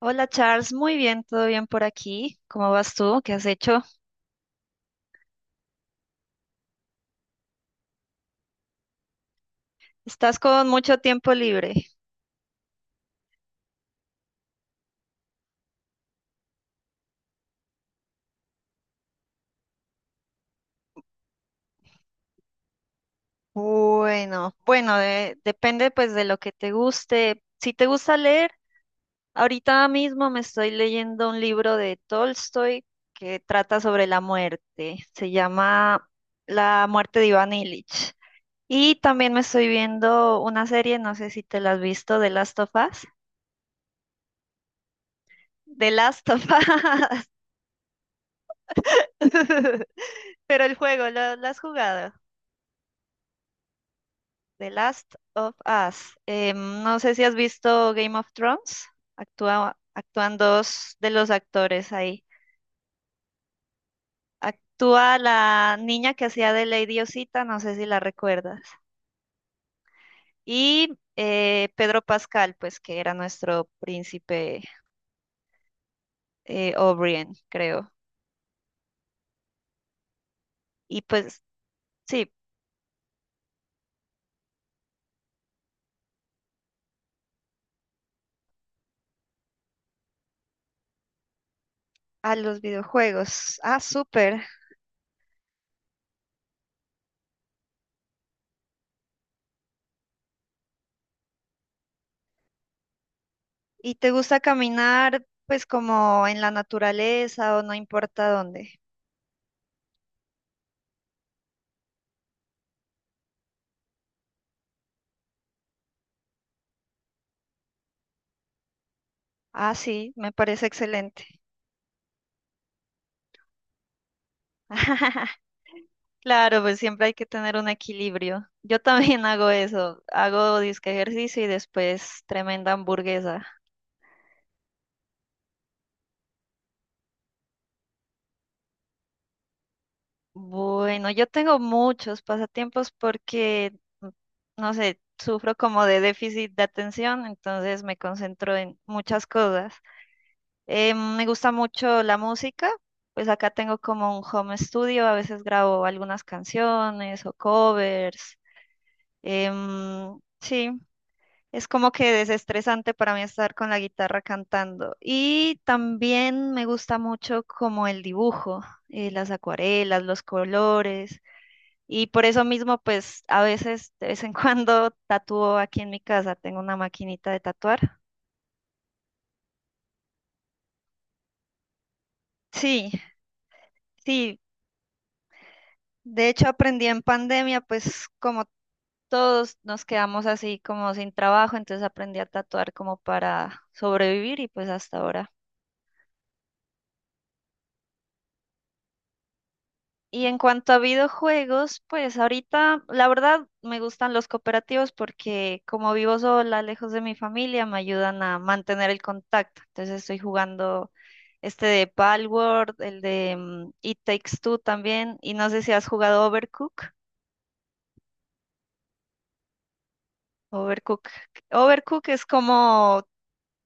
Hola Charles, muy bien, todo bien por aquí. ¿Cómo vas tú? ¿Qué has hecho? Estás con mucho tiempo libre. Bueno, depende pues de lo que te guste. Si te gusta leer, ahorita mismo me estoy leyendo un libro de Tolstoy que trata sobre la muerte. Se llama La muerte de Iván Ilich. Y también me estoy viendo una serie, no sé si te la has visto, de Last of Us. The Last of Us. Pero el juego, ¿lo has jugado? The Last of Us. No sé si has visto Game of Thrones. Actúan dos de los actores ahí. Actúa la niña que hacía de Lady Osita, no sé si la recuerdas. Y Pedro Pascal, pues que era nuestro príncipe O'Brien, creo. Y pues sí, a los videojuegos. Ah, súper. ¿Y te gusta caminar pues como en la naturaleza o no importa dónde? Ah, sí, me parece excelente. Claro, pues siempre hay que tener un equilibrio. Yo también hago eso, hago disque ejercicio y después tremenda hamburguesa. Bueno, yo tengo muchos pasatiempos porque, no sé, sufro como de déficit de atención, entonces me concentro en muchas cosas. Me gusta mucho la música, pues acá tengo como un home studio, a veces grabo algunas canciones o covers. Sí, es como que desestresante para mí estar con la guitarra cantando. Y también me gusta mucho como el dibujo, las acuarelas, los colores. Y por eso mismo, pues a veces, de vez en cuando, tatúo aquí en mi casa. Tengo una maquinita de tatuar. Sí, sí. De hecho, aprendí en pandemia, pues como todos nos quedamos así como sin trabajo, entonces aprendí a tatuar como para sobrevivir y pues hasta ahora. Y en cuanto a videojuegos, pues ahorita la verdad me gustan los cooperativos porque como vivo sola, lejos de mi familia, me ayudan a mantener el contacto. Entonces estoy jugando este de Palworld, el de It Takes Two también, y no sé si has jugado Overcook. Overcook. Overcook es como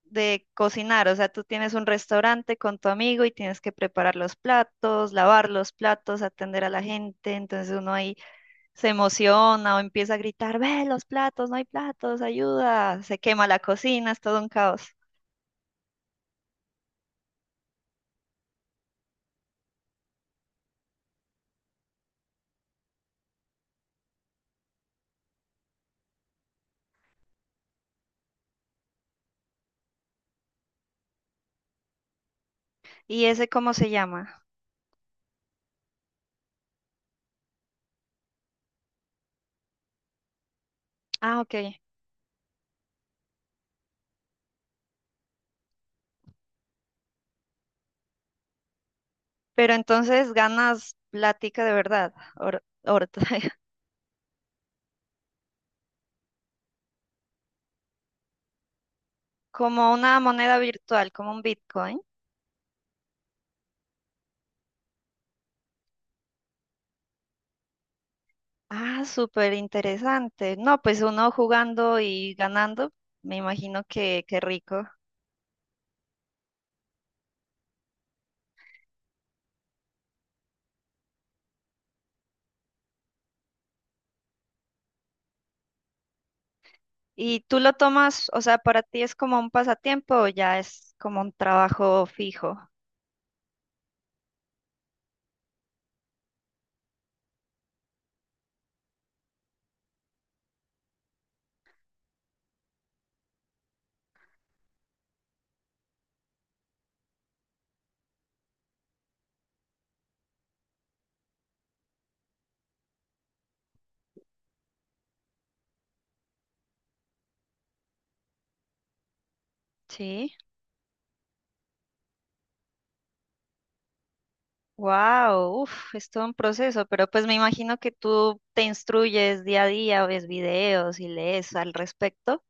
de cocinar, o sea, tú tienes un restaurante con tu amigo y tienes que preparar los platos, lavar los platos, atender a la gente, entonces uno ahí se emociona o empieza a gritar, ve los platos, no hay platos, ayuda, se quema la cocina, es todo un caos. ¿Y ese cómo se llama? Ah, ok. Pero entonces ganas plática de verdad, como una moneda virtual, como un Bitcoin. Ah, súper interesante. No, pues uno jugando y ganando, me imagino que, qué rico. ¿Y tú lo tomas, o sea, para ti es como un pasatiempo o ya es como un trabajo fijo? Sí. Wow, uf, es todo un proceso, pero pues me imagino que tú te instruyes día a día, ves videos y lees al respecto.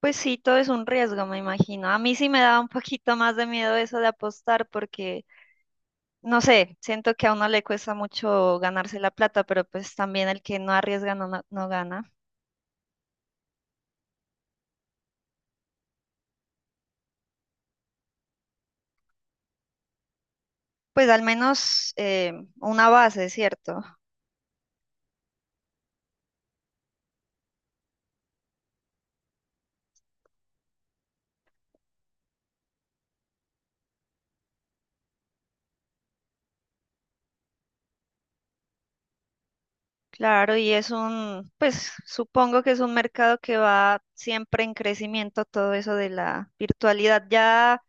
Pues sí, todo es un riesgo, me imagino. A mí sí me daba un poquito más de miedo eso de apostar porque, no sé, siento que a uno le cuesta mucho ganarse la plata, pero pues también el que no arriesga no gana. Pues al menos una base, ¿cierto? Claro, y es un, pues supongo que es un mercado que va siempre en crecimiento, todo eso de la virtualidad. Ya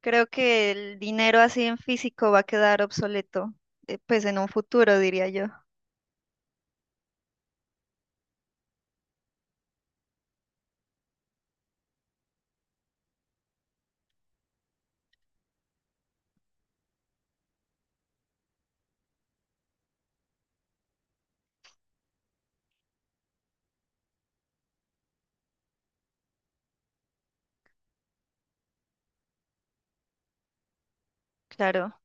creo que el dinero así en físico va a quedar obsoleto, pues en un futuro, diría yo. Claro.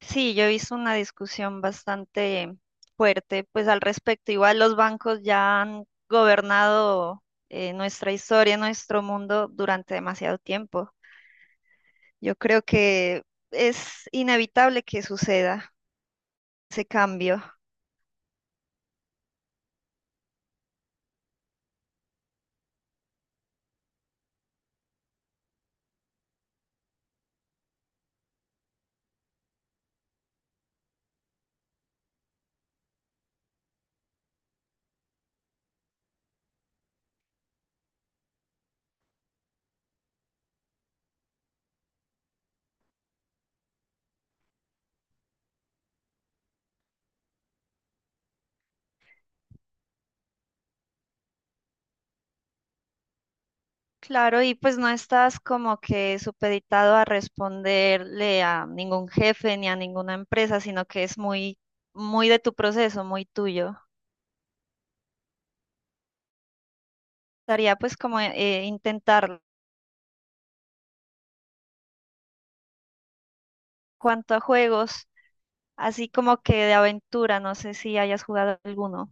Sí, yo he visto una discusión bastante fuerte, pues al respecto. Igual los bancos ya han gobernado nuestra historia, nuestro mundo durante demasiado tiempo. Yo creo que es inevitable que suceda ese cambio. Claro, y pues no estás como que supeditado a responderle a ningún jefe ni a ninguna empresa, sino que es muy, muy de tu proceso, muy tuyo. Estaría pues como intentar cuanto a juegos, así como que de aventura, no sé si hayas jugado alguno,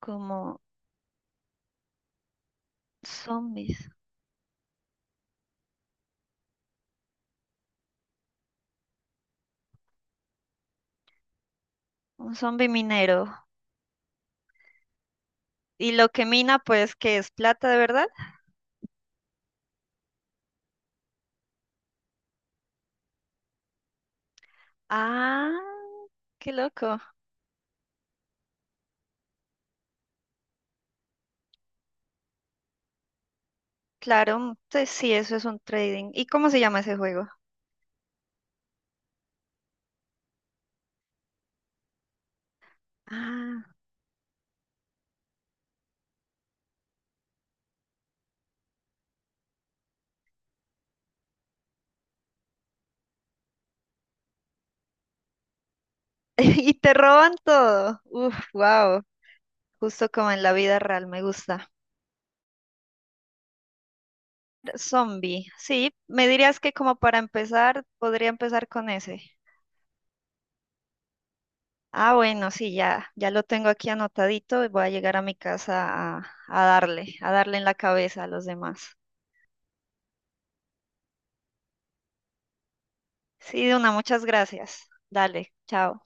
como zombies, un zombie minero. Y lo que mina pues que es plata de verdad. Ah, qué loco. Claro, entonces sí, eso es un trading. ¿Y cómo se llama ese juego? Ah. Y te roban todo. Uf, wow. Justo como en la vida real, me gusta. Zombie. Sí, me dirías que como para empezar, podría empezar con ese. Ah, bueno, sí, ya lo tengo aquí anotadito y voy a llegar a mi casa a darle en la cabeza a los demás. Sí, Duna, muchas gracias. Dale, chao.